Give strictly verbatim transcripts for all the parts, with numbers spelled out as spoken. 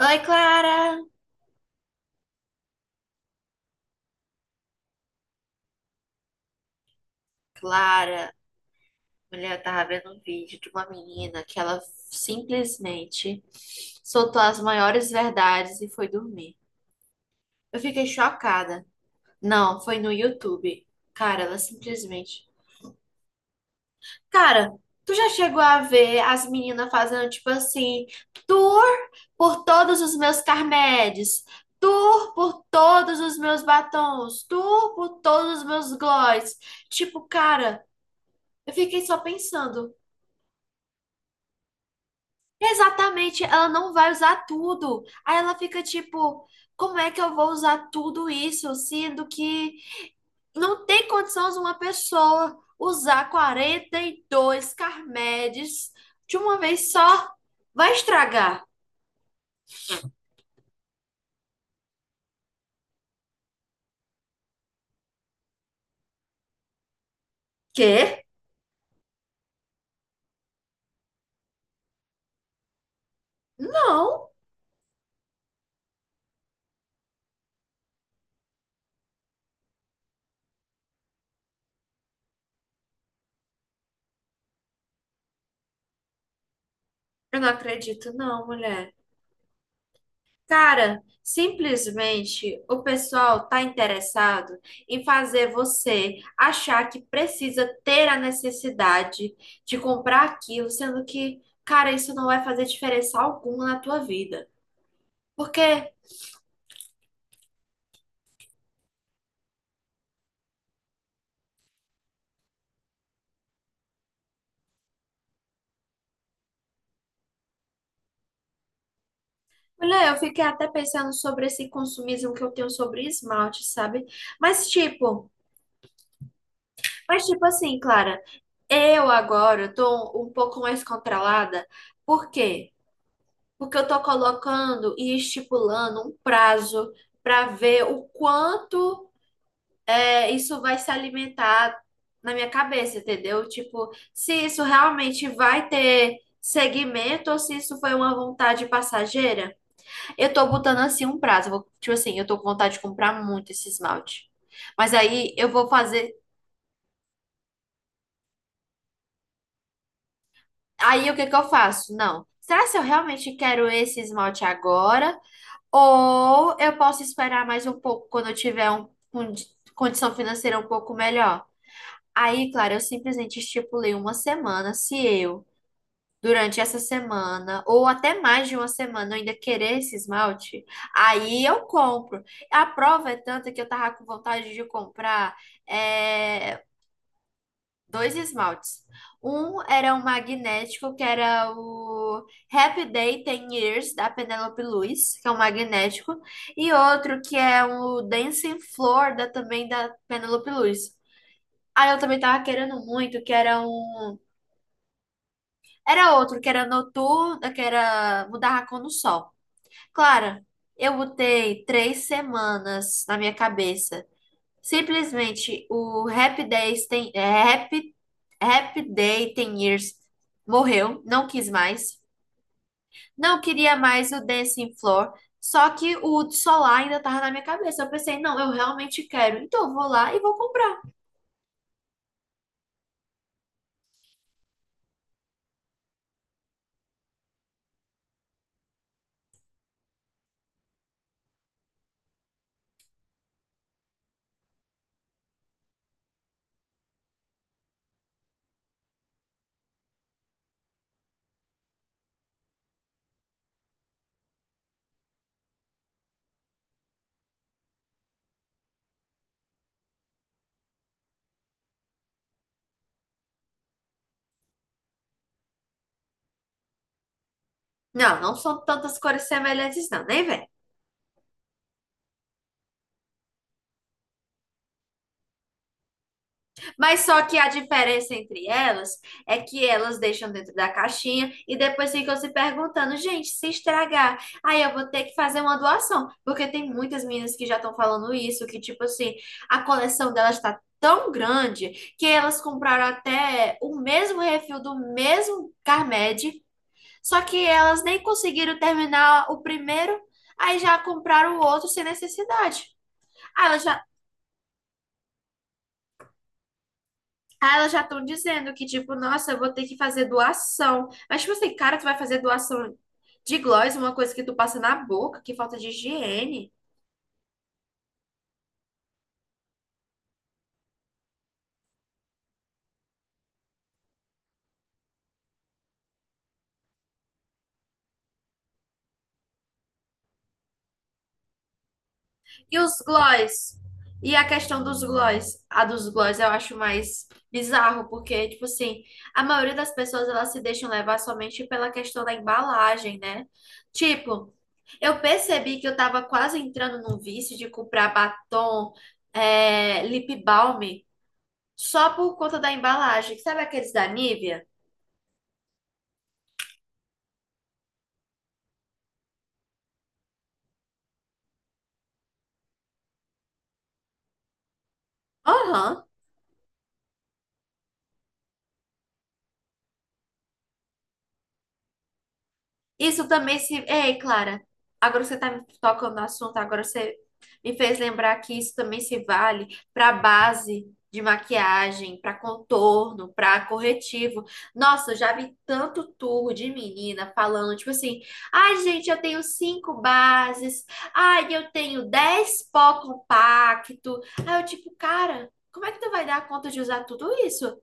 Oi, Clara! Clara, mulher, eu tava vendo um vídeo de uma menina que ela simplesmente soltou as maiores verdades e foi dormir. Eu fiquei chocada. Não, foi no YouTube. Cara, ela simplesmente. Cara, tu já chegou a ver as meninas fazendo tipo assim, tour por todos os meus Carmedes, tour por todos os meus batons, tour por todos os meus gloss. Tipo, cara, eu fiquei só pensando. Exatamente, ela não vai usar tudo. Aí ela fica tipo, como é que eu vou usar tudo isso, sendo que não tem condições uma pessoa usar quarenta e dois Carmedes de uma vez só? Vai estragar. Quê? Não, eu não acredito, não, mulher. Cara, simplesmente o pessoal tá interessado em fazer você achar que precisa ter a necessidade de comprar aquilo, sendo que, cara, isso não vai fazer diferença alguma na tua vida. Porque, olha, eu fiquei até pensando sobre esse consumismo que eu tenho sobre esmalte, sabe? Mas tipo, mas tipo assim, Clara, eu agora tô um pouco mais controlada. Por quê? Porque eu estou colocando e estipulando um prazo para ver o quanto é, isso vai se alimentar na minha cabeça, entendeu? Tipo, se isso realmente vai ter segmento ou se isso foi uma vontade passageira. Eu tô botando assim um prazo. Eu Vou- Tipo assim, eu tô com vontade de comprar muito esse esmalte. Mas aí eu vou fazer. Aí o que que eu faço? Não. Será se eu realmente quero esse esmalte agora? Ou eu posso esperar mais um pouco quando eu tiver um, condi- condição financeira um pouco melhor. Aí, claro, eu simplesmente estipulei uma semana. Se eu, durante essa semana, ou até mais de uma semana, eu ainda querer esse esmalte, aí eu compro. A prova é tanta que eu tava com vontade de comprar eh, dois esmaltes. Um era um magnético, que era o Happy Day Ten Years, da Penélope Luz, que é um magnético. E outro que é o Dancing Floor, da, também da Penélope Luz. Aí eu também tava querendo muito, que era um... Era outro, que era noturno, que era mudar a cor no sol. Clara, eu botei três semanas na minha cabeça. Simplesmente o Happy Days Ten é, Happy Happy Day Ten Years morreu, não quis mais. Não queria mais o Dancing Floor. Só que o solar ainda tava na minha cabeça. Eu pensei, não, eu realmente quero. Então eu vou lá e vou comprar. Não, não são tantas cores semelhantes, não, nem vem. Mas só que a diferença entre elas é que elas deixam dentro da caixinha e depois ficam se perguntando, gente, se estragar, aí eu vou ter que fazer uma doação. Porque tem muitas meninas que já estão falando isso, que tipo assim, a coleção delas está tão grande que elas compraram até o mesmo refil do mesmo Carmed, só que elas nem conseguiram terminar o primeiro, aí já compraram o outro sem necessidade. Aí elas já Ah, elas já estão dizendo que, tipo, nossa, eu vou ter que fazer doação. Mas, tipo assim, cara, tu vai fazer doação de gloss, uma coisa que tu passa na boca, que falta de higiene. E os gloss? E a questão dos gloss? A dos gloss eu acho mais bizarro, porque, tipo assim, a maioria das pessoas, elas se deixam levar somente pela questão da embalagem, né? Tipo, eu percebi que eu tava quase entrando num vício de comprar batom, é, lip balm. Só por conta da embalagem. Sabe aqueles da Nivea? Aham. Isso também se. Ei, Clara, agora você tá me tocando no assunto, agora você me fez lembrar que isso também se vale para base de maquiagem, para contorno, para corretivo. Nossa, eu já vi tanto turro de menina falando, tipo assim: ai, gente, eu tenho cinco bases, ai, eu tenho dez pó compacto. Aí eu, tipo, cara, como é que tu vai dar conta de usar tudo isso?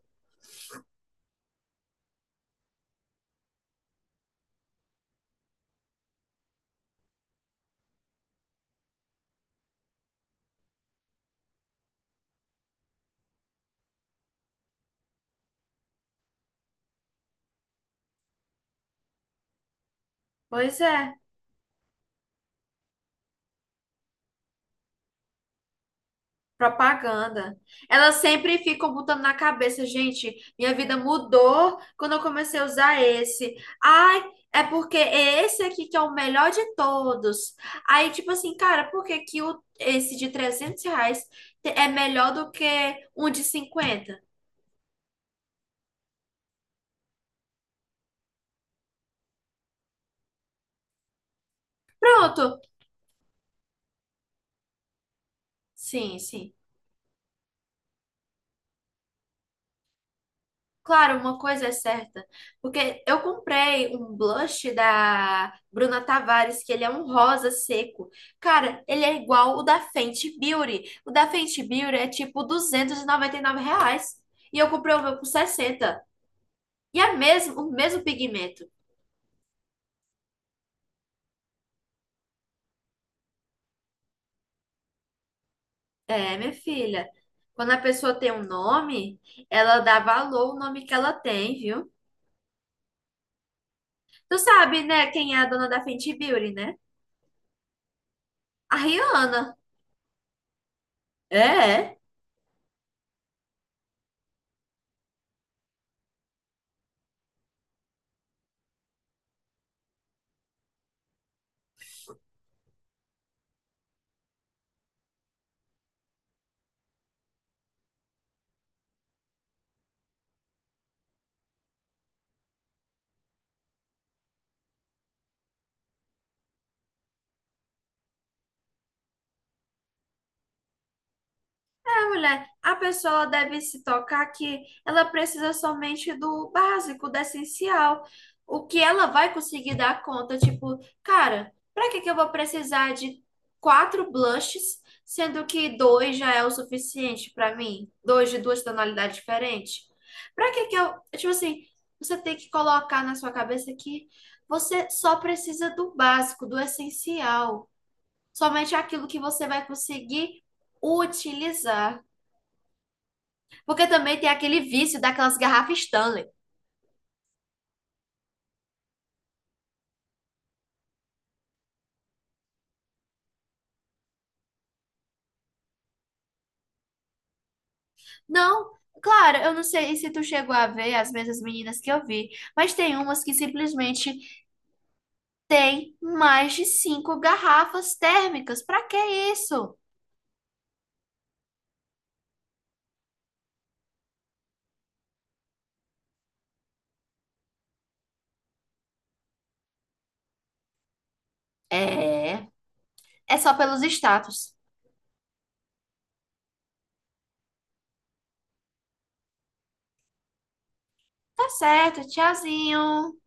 Pois é. Propaganda. Elas sempre ficam botando na cabeça, gente, minha vida mudou quando eu comecei a usar esse. Ai, é porque é esse aqui que é o melhor de todos. Aí, tipo assim, cara, por que que o, esse de trezentos reais te- é melhor do que um de cinquenta. Pronto. Sim, sim. Claro, uma coisa é certa, porque eu comprei um blush da Bruna Tavares, que ele é um rosa seco. Cara, ele é igual o da Fenty Beauty. O da Fenty Beauty é tipo duzentos e noventa e nove reais. E eu comprei o meu por sessenta. E é mesmo, o mesmo pigmento. É, minha filha, quando a pessoa tem um nome, ela dá valor ao nome que ela tem, viu? Tu sabe, né, quem é a dona da Fenty Beauty, né? A Rihanna. É. É. Mulher, a pessoa deve se tocar que ela precisa somente do básico, do essencial. O que ela vai conseguir dar conta? Tipo, cara, pra que que eu vou precisar de quatro blushes, sendo que dois já é o suficiente pra mim? Dois de duas tonalidades diferentes? Pra que que eu. Tipo assim, você tem que colocar na sua cabeça que você só precisa do básico, do essencial. Somente aquilo que você vai conseguir utilizar. Porque também tem aquele vício daquelas garrafas Stanley. Não, claro, eu não sei se tu chegou a ver as mesmas meninas que eu vi, mas tem umas que simplesmente tem mais de cinco garrafas térmicas. Pra que isso? É, é só pelos status. Tá certo, tchauzinho.